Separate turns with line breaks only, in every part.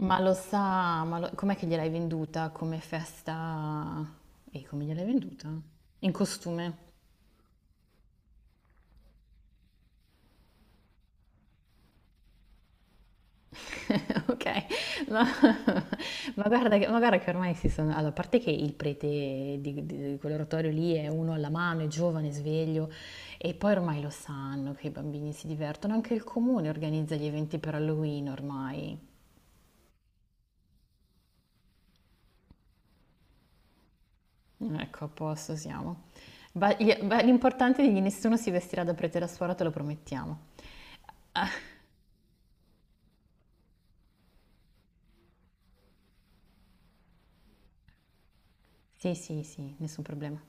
Ma lo sa, com'è che gliel'hai venduta come festa? E come gliel'hai venduta? In costume. Ok, no. Ma guarda che ormai si sono. Allora, a parte che il prete di quell'oratorio lì è uno alla mano, è giovane, sveglio, e poi ormai lo sanno che i bambini si divertono, anche il comune organizza gli eventi per Halloween ormai. Ecco, a posto siamo. L'importante è che nessuno si vestirà da prete e da suora, te lo promettiamo. Sì, sì, sì, nessun problema.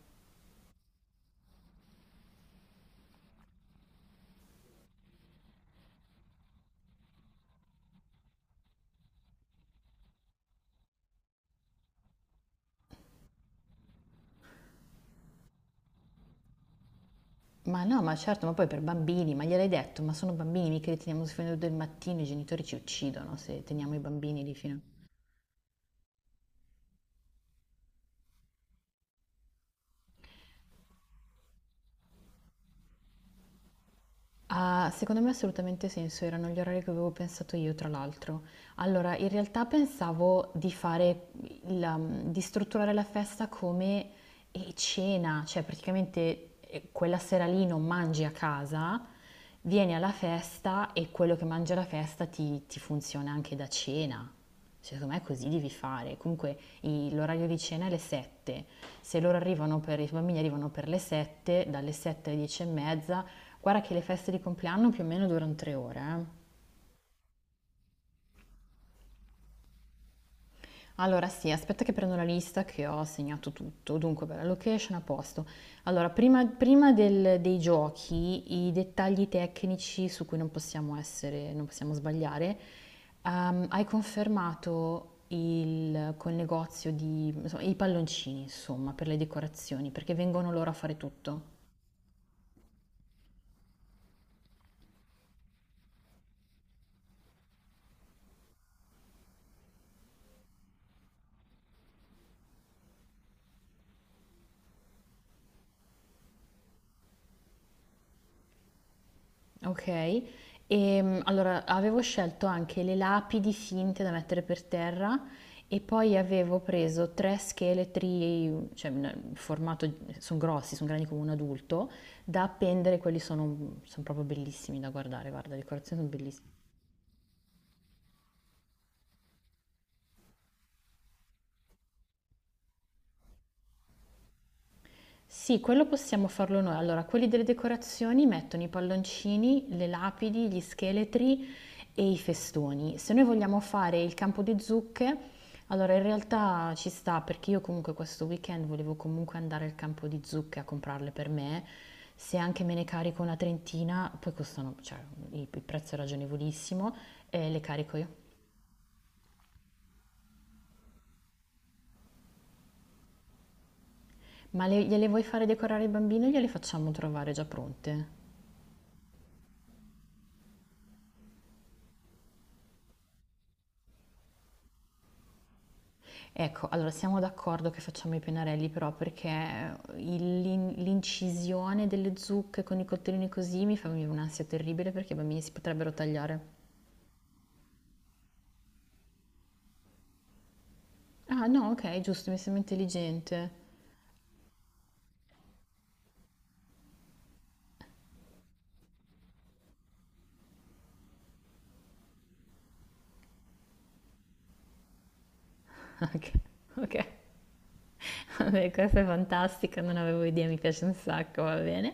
Ma no, ma certo, ma poi per bambini, ma gliel'hai detto, ma sono bambini, mica li teniamo fino al del mattino, i genitori ci uccidono se teniamo i bambini lì fino a. Ah, secondo me ha assolutamente senso, erano gli orari che avevo pensato io, tra l'altro. Allora, in realtà pensavo di fare di strutturare la festa come cena, cioè praticamente quella sera lì non mangi a casa, vieni alla festa e quello che mangi alla festa ti funziona anche da cena. Cioè, secondo me così devi fare. Comunque l'orario di cena è le 7. Se loro arrivano per, i bambini arrivano per le 7, dalle 7 alle 10 e mezza. Guarda che le feste di compleanno più o meno durano 3 ore, eh. Allora sì, aspetta che prendo la lista che ho segnato tutto. Dunque, beh, la location a posto. Allora, prima dei giochi, i dettagli tecnici su cui non possiamo sbagliare. Hai confermato col negozio di, insomma, i palloncini, insomma, per le decorazioni, perché vengono loro a fare tutto. Ok, e allora avevo scelto anche le lapidi finte da mettere per terra e poi avevo preso tre scheletri, cioè in formato, sono grossi, sono grandi come un adulto, da appendere, quelli sono proprio bellissimi da guardare, guarda, le decorazioni sono bellissime. Sì, quello possiamo farlo noi. Allora, quelli delle decorazioni mettono i palloncini, le lapidi, gli scheletri e i festoni. Se noi vogliamo fare il campo di zucche, allora in realtà ci sta perché io comunque questo weekend volevo comunque andare al campo di zucche a comprarle per me. Se anche me ne carico una trentina, poi costano, cioè il prezzo è ragionevolissimo, e le carico io. Ma gliele vuoi fare decorare il bambino? Gliele facciamo trovare già pronte? Ecco, allora siamo d'accordo che facciamo i pennarelli però perché l'incisione delle zucche con i coltellini così mi fa venire un'ansia terribile perché i bambini si potrebbero tagliare. Ah no, ok, giusto, mi sembra intelligente. Ok, ok. Vabbè, questa è fantastica, non avevo idea, mi piace un sacco, va bene.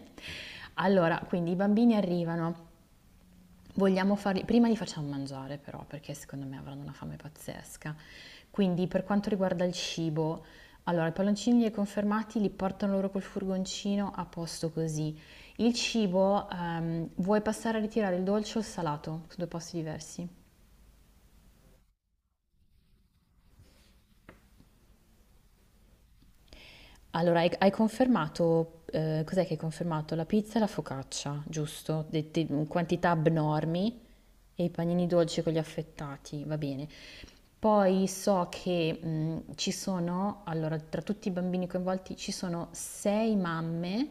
Allora, quindi i bambini arrivano. Prima li facciamo mangiare però, perché secondo me avranno una fame pazzesca. Quindi per quanto riguarda il cibo, allora i palloncini li hai confermati, li portano loro col furgoncino a posto così. Il cibo, vuoi passare a ritirare il dolce o il salato? Sono due posti diversi. Allora, hai confermato, cos'è che hai confermato? La pizza e la focaccia, giusto? In quantità abnormi e i panini dolci con gli affettati, va bene. Poi so che ci sono, allora, tra tutti i bambini coinvolti ci sono sei mamme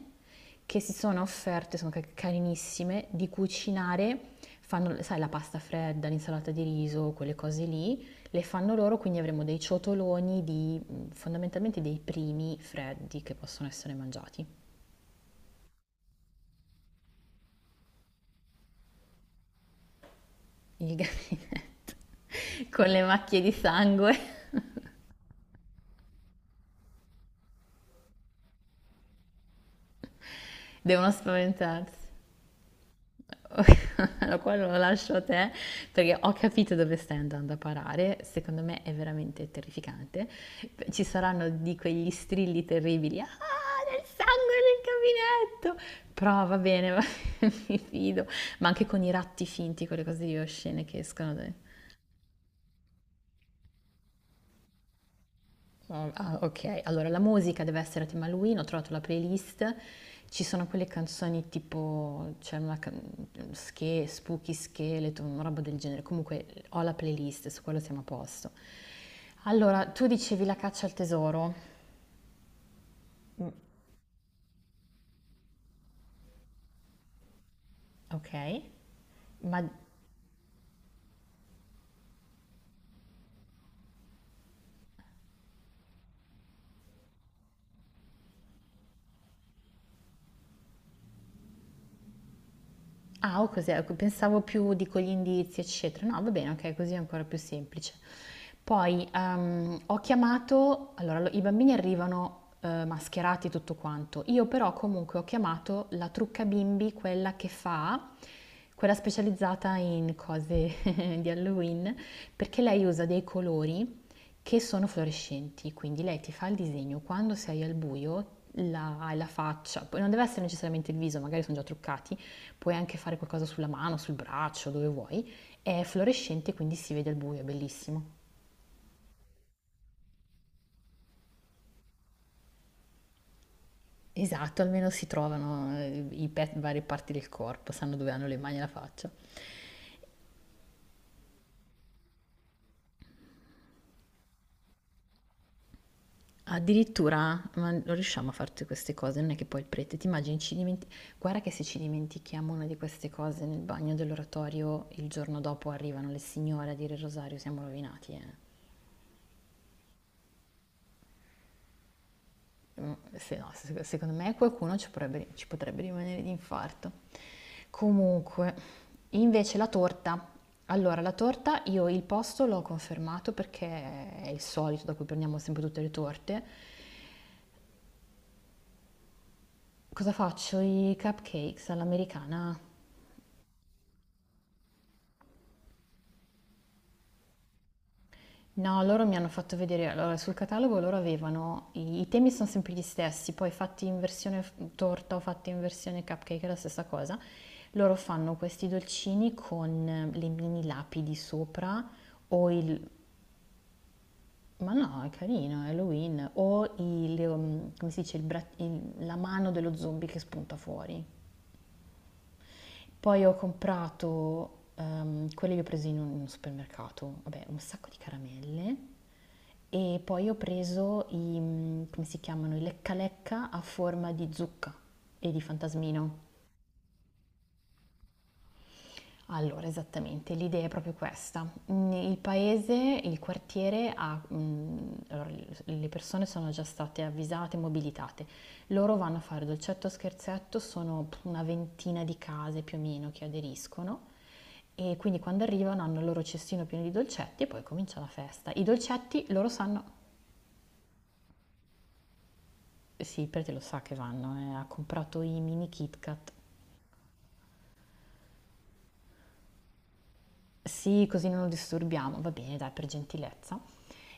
che si sono offerte, sono carinissime, di cucinare, fanno, sai, la pasta fredda, l'insalata di riso, quelle cose lì, le fanno loro, quindi avremo dei ciotoloni di fondamentalmente dei primi freddi che possono essere mangiati. Il gabinetto con le macchie di sangue devono spaventarsi. Allora, qua lo lascio a te perché ho capito dove stai andando a parare. Secondo me è veramente terrificante. Ci saranno di quegli strilli terribili. Ah, del sangue nel gabinetto! Però va bene, bene, mi fido. Ma anche con i ratti finti, quelle cose di oscene che escono, dai. Oh, ah, ok, allora la musica deve essere a tema Halloween, ho trovato la playlist, ci sono quelle canzoni tipo, c'è una Spooky Skeleton, una roba del genere, comunque ho la playlist, su quello siamo a posto. Allora, tu dicevi la caccia al tesoro, ok, ma ah, o cos'è? Ecco, pensavo più dico gli indizi, eccetera. No, va bene, ok, così è ancora più semplice. Poi ho chiamato, allora i bambini arrivano mascherati e tutto quanto, io però comunque ho chiamato la trucca bimbi, quella specializzata in cose di Halloween, perché lei usa dei colori che sono fluorescenti, quindi lei ti fa il disegno quando sei al buio, hai la faccia, poi non deve essere necessariamente il viso, magari sono già truccati, puoi anche fare qualcosa sulla mano, sul braccio, dove vuoi. È fluorescente, quindi si vede al buio, è bellissimo. Esatto, almeno si trovano varie parti del corpo, sanno dove hanno le mani e la faccia. Addirittura, ma non riusciamo a fare tutte queste cose, non è che poi il prete, ti immagini, guarda che se ci dimentichiamo una di queste cose nel bagno dell'oratorio, il giorno dopo arrivano le signore a dire il rosario, siamo rovinati, eh. Se no, secondo me qualcuno ci potrebbe rimanere di infarto. Comunque, invece la torta. Allora, la torta io il posto l'ho confermato perché è il solito da cui prendiamo sempre tutte le torte. Cosa faccio? I cupcakes all'americana? No, loro mi hanno fatto vedere, allora sul catalogo loro avevano, i temi sono sempre gli stessi, poi fatti in versione torta o fatti in versione cupcake è la stessa cosa. Loro fanno questi dolcini con le mini lapidi sopra o il. Ma no, è carino, è Halloween. Come si dice, la mano dello zombie che spunta fuori. Poi ho comprato, quelle le ho prese in un supermercato, vabbè, un sacco di caramelle e poi ho preso come si chiamano, i lecca lecca a forma di zucca e di fantasmino. Allora, esattamente, l'idea è proprio questa. Il paese, il quartiere allora, le persone sono già state avvisate, mobilitate. Loro vanno a fare dolcetto scherzetto, sono una ventina di case più o meno che aderiscono e quindi quando arrivano hanno il loro cestino pieno di dolcetti e poi comincia la festa. I dolcetti loro sanno, sì, perché lo sa che vanno, ha comprato i mini Kit Kat. Sì, così non lo disturbiamo, va bene, dai, per gentilezza.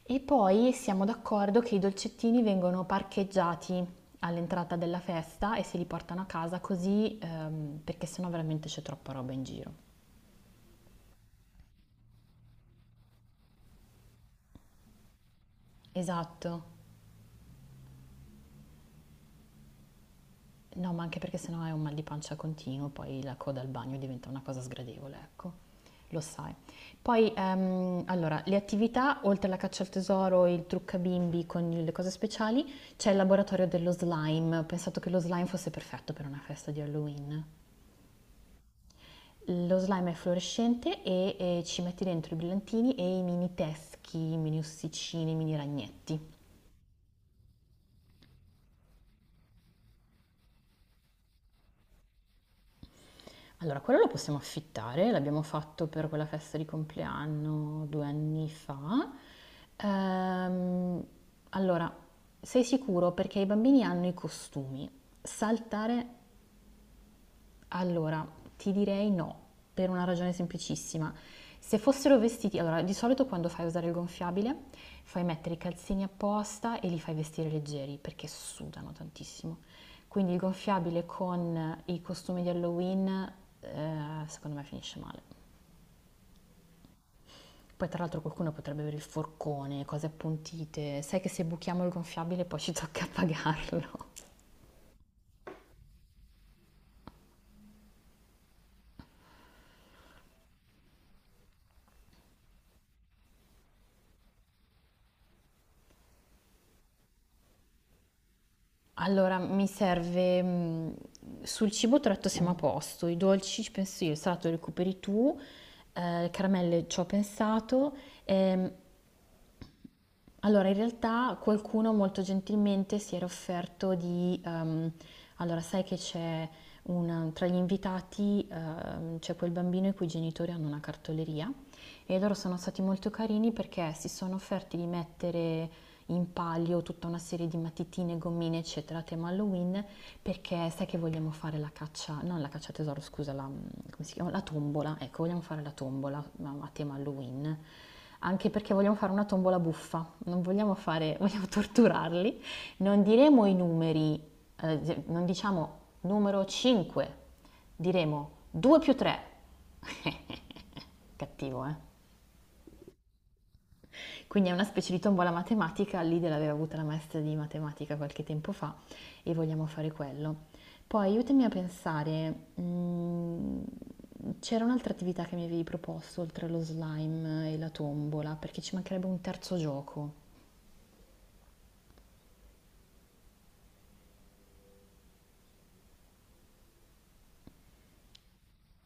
E poi siamo d'accordo che i dolcettini vengono parcheggiati all'entrata della festa e se li portano a casa così, perché sennò veramente c'è troppa roba in giro. Esatto. No, ma anche perché sennò hai un mal di pancia continuo, poi la coda al bagno diventa una cosa sgradevole, ecco, lo sai. Poi, allora, le attività, oltre alla caccia al tesoro, il trucca bimbi con le cose speciali, c'è il laboratorio dello slime. Ho pensato che lo slime fosse perfetto per una festa di Halloween. Lo slime è fluorescente e, ci metti dentro i brillantini e i mini teschi, i mini ossicini, i mini ragnetti. Allora, quello lo possiamo affittare, l'abbiamo fatto per quella festa di compleanno 2 anni fa. Ehm, allora, sei sicuro perché i bambini hanno i costumi. Saltare allora, ti direi no, per una ragione semplicissima. Se fossero vestiti, allora di solito quando fai usare il gonfiabile fai mettere i calzini apposta e li fai vestire leggeri perché sudano tantissimo. Quindi il gonfiabile con i costumi di Halloween, eh, secondo me finisce male. Poi tra l'altro qualcuno potrebbe avere il forcone, cose appuntite. Sai che se buchiamo il gonfiabile poi ci tocca pagarlo. Allora, mi serve, sul cibo tratto siamo a posto, i dolci ci penso io, il salato lo recuperi tu, caramelle c'ho pensato. Ehm, allora in realtà qualcuno molto gentilmente si era offerto di allora sai che c'è un tra gli invitati, c'è quel bambino i cui genitori hanno una cartoleria e loro sono stati molto carini perché si sono offerti di mettere in palio tutta una serie di matitine, gommine, eccetera, a tema Halloween perché sai che vogliamo fare la caccia, non la caccia al tesoro, scusa, come si chiama? La tombola, ecco, vogliamo fare la tombola ma a tema Halloween, anche perché vogliamo fare una tombola buffa, non vogliamo fare, vogliamo torturarli, non diremo i numeri, non diciamo numero 5, diremo 2 più 3. Cattivo, eh? Quindi è una specie di tombola matematica, l'idea l'aveva avuta la maestra di matematica qualche tempo fa e vogliamo fare quello. Poi aiutami a pensare, c'era un'altra attività che mi avevi proposto oltre allo slime e la tombola, perché ci mancherebbe un terzo gioco.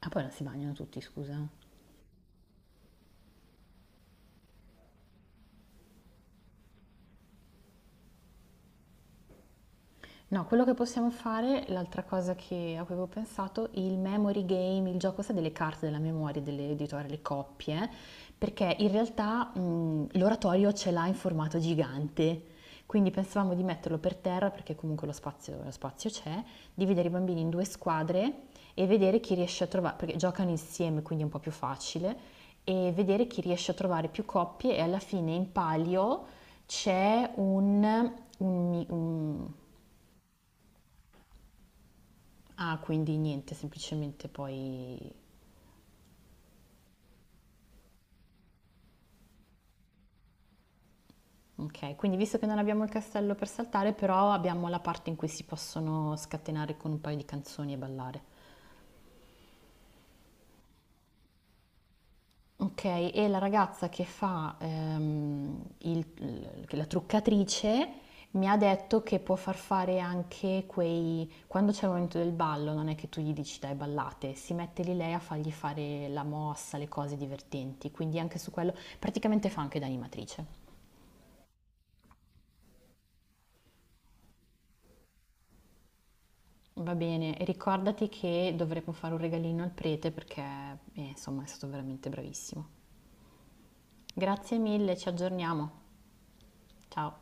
Ah, poi non si bagnano tutti, scusa. No, quello che possiamo fare, l'altra cosa che, a cui avevo pensato, il memory game, il gioco sa delle carte della memoria dell'editore, le coppie, perché in realtà l'oratorio ce l'ha in formato gigante, quindi pensavamo di metterlo per terra perché comunque lo spazio c'è, dividere i bambini in due squadre e vedere chi riesce a trovare, perché giocano insieme, quindi è un po' più facile, e vedere chi riesce a trovare più coppie e alla fine in palio c'è un. Ah, quindi niente, semplicemente poi. Ok, quindi visto che non abbiamo il castello per saltare, però abbiamo la parte in cui si possono scatenare con un paio di canzoni e ballare. Ok, e la ragazza che fa la truccatrice mi ha detto che può far fare anche quei. Quando c'è il momento del ballo, non è che tu gli dici dai ballate, si mette lì lei a fargli fare la mossa, le cose divertenti, quindi anche su quello praticamente fa anche da animatrice. Va bene, e ricordati che dovremo fare un regalino al prete perché, insomma, è stato veramente bravissimo. Grazie mille, ci aggiorniamo. Ciao.